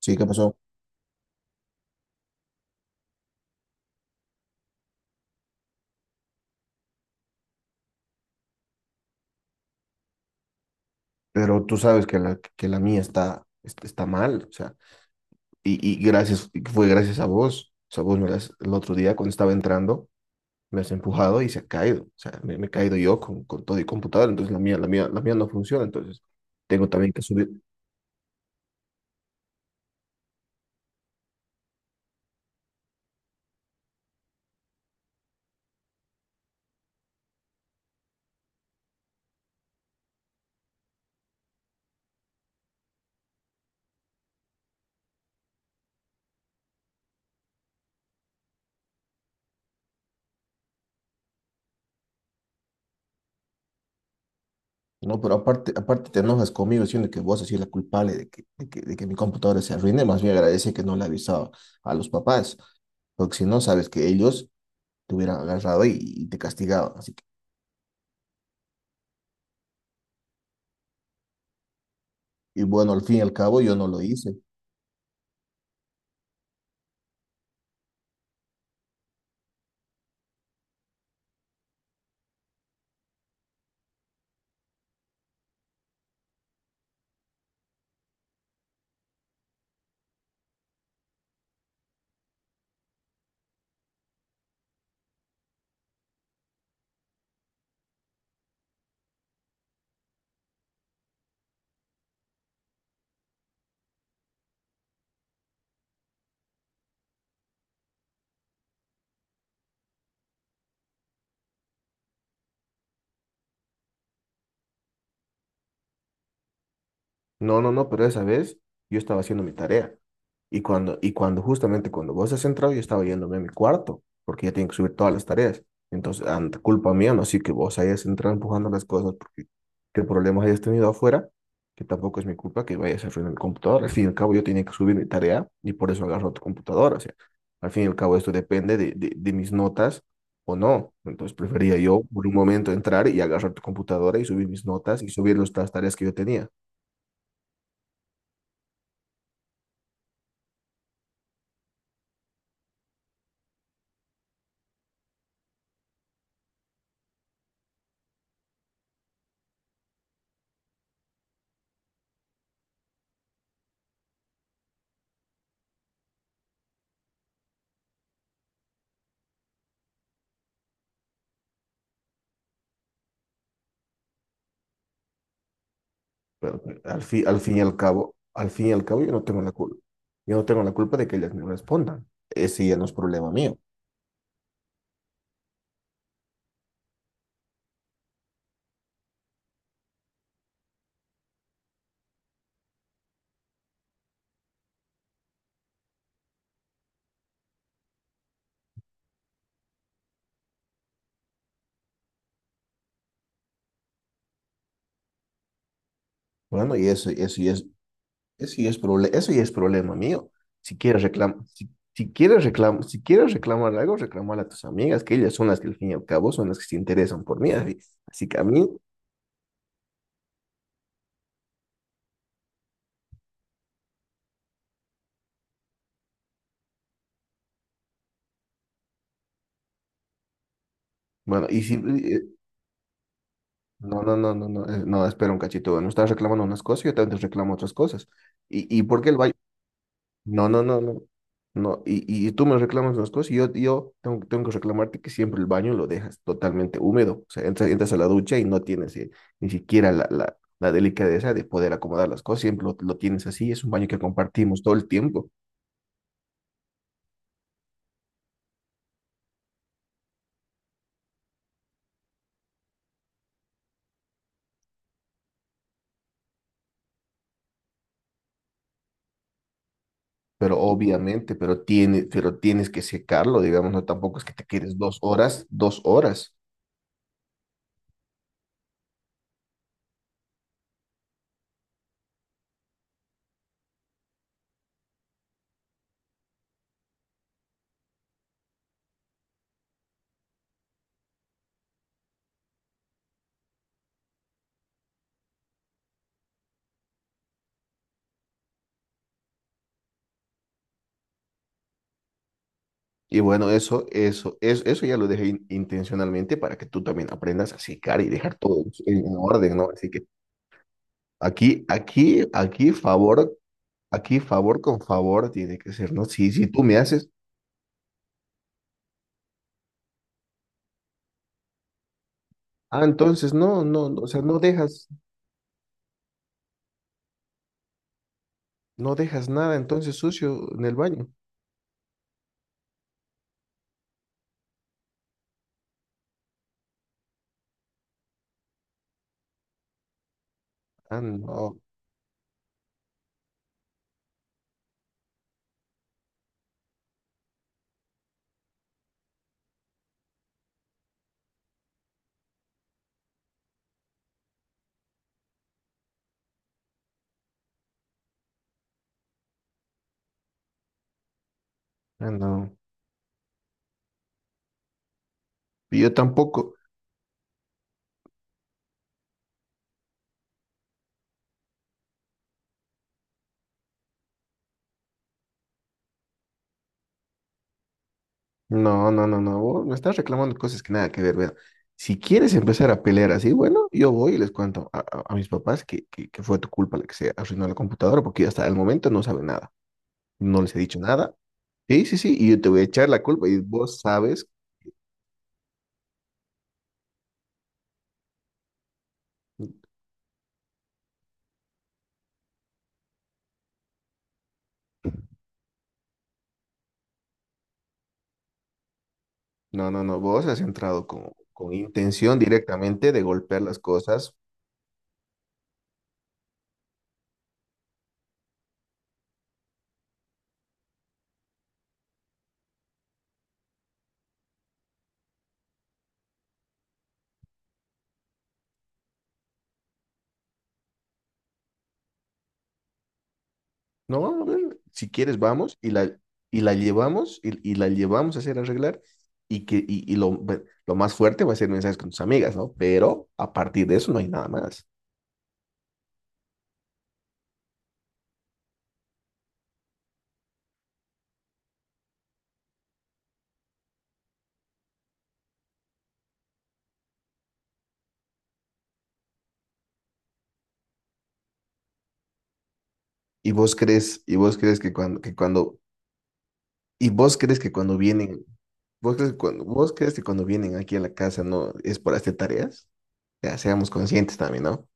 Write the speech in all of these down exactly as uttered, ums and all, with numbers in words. Sí, ¿qué pasó? Pero tú sabes que la, que la mía está, est- está mal, o sea, y, y gracias, y fue gracias a vos, o sea, vos me la el otro día cuando estaba entrando, me has empujado y se ha caído, o sea, me, me he caído yo con, con todo y computador, entonces la mía, la mía, la mía no funciona, entonces tengo también que subir, no, pero aparte, aparte te enojas conmigo diciendo que vos has sido la culpable de que, de que, de que mi computadora se arruine, más bien agradece que no le avisaba a los papás, porque si no, sabes que ellos te hubieran agarrado y, y te castigado. Y bueno, al fin y al cabo yo no lo hice. No, no, no, pero esa vez yo estaba haciendo mi tarea. Y cuando, y cuando justamente cuando vos has entrado, yo estaba yéndome a mi cuarto, porque ya tengo que subir todas las tareas. Entonces, ante culpa mía, no así que vos hayas entrado empujando las cosas, porque qué problemas hayas tenido afuera, que tampoco es mi culpa que vayas a arruinar mi computadora. Al fin y al cabo, yo tenía que subir mi tarea y por eso agarro tu computadora. O sea, al fin y al cabo, esto depende de, de, de mis notas o no. Entonces, prefería yo por un momento entrar y agarrar tu computadora y subir mis notas y subir las tareas que yo tenía. Pero al fin, al fin y al cabo, al fin y al cabo, yo no tengo la culpa. Yo no tengo la culpa de que ellas me respondan. Ese ya no es problema mío. Bueno, y eso, eso ya es, eso ya es, proble- eso ya es problema mío. Si quieres reclam si, si quieres reclam- si quieres reclamar algo, reclamar a tus amigas, que ellas son las que al fin y al cabo son las que se interesan por mí. Así, así que a mí, bueno, y si, eh, no, no, no, no, no, eh, no, espera un cachito, no estás reclamando unas cosas, yo también te reclamo otras cosas. ¿Y, y por qué el, va- No, no, no, no. No, y, y tú me reclamas unas cosas y yo, yo tengo, tengo que reclamarte que siempre el baño lo dejas totalmente húmedo. O sea, entras, entras a la ducha y no tienes eh, ni siquiera la, la, la delicadeza de poder acomodar las cosas. Siempre lo, lo tienes así. Es un baño que compartimos todo el tiempo. Pero obviamente, pero, tiene, pero tienes que secarlo, digamos, no tampoco es que te quedes dos horas, dos horas. Y bueno, eso, eso, eso, eso ya lo dejé in- intencionalmente para que tú también aprendas a secar y dejar todo en en orden, ¿no? Así que aquí, aquí, aquí favor, aquí favor con favor tiene que ser, ¿no? Si, si tú me haces, ah, entonces no, no, no, o sea, no dejas, no dejas nada entonces sucio en el baño. Ah, no, ah, no. Y yo tampoco. No, no, no, no. Vos me estás reclamando cosas que nada que ver, vea. Si quieres empezar a pelear así, bueno, yo voy y les cuento a, a- a mis papás que, que, que fue tu culpa la que se arruinó la computadora, porque hasta el momento no saben nada. No les he dicho nada. Sí, sí, sí, y yo te voy a echar la culpa y vos sabes. No, no, no, vos has entrado con, con intención directamente de golpear las cosas. No, a ver, si quieres vamos y la, y la llevamos y, y la llevamos a hacer arreglar y que y, y lo, lo más fuerte va a ser mensajes con tus amigas, ¿no? Pero a partir de eso no hay nada más. Y vos crees, y vos crees que cuando, que cuando, y vos crees que cuando vienen, vos crees que cuando, vos crees que cuando vienen aquí a la casa no es por hacer tareas. Ya, seamos conscientes también, ¿no?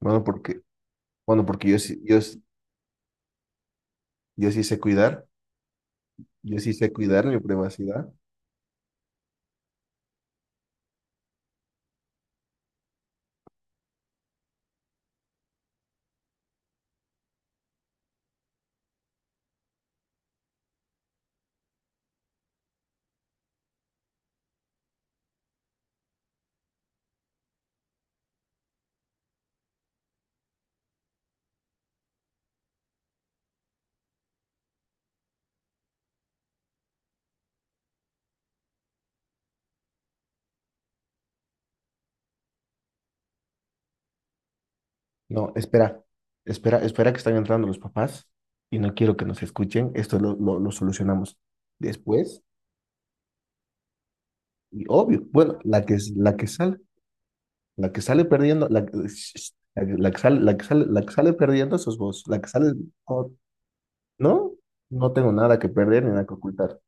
Bueno, porque, bueno, porque yo, sí- yo, sí- yo sí sé cuidar. Yo sí sé cuidar mi privacidad. No, espera, espera, espera que están entrando los papás y no quiero que nos escuchen. Esto lo, lo, lo solucionamos después. Y obvio, bueno, la que, la que sale, la que sale perdiendo, la, que- la, que la que sale, la que sale, la que sale perdiendo sos vos. La que sale, oh, no, no tengo nada que perder ni nada que ocultar.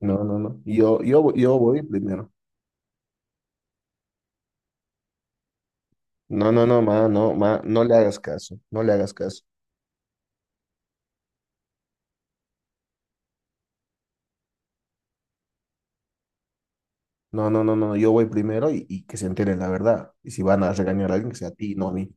No, no, no. Yo, yo, yo voy primero. No, no, no, ma, no, ma, no le hagas caso, no le hagas caso. No, no, no, no, yo voy primero y, y que se enteren la verdad. Y si van a regañar a alguien, que sea a ti, no a mí.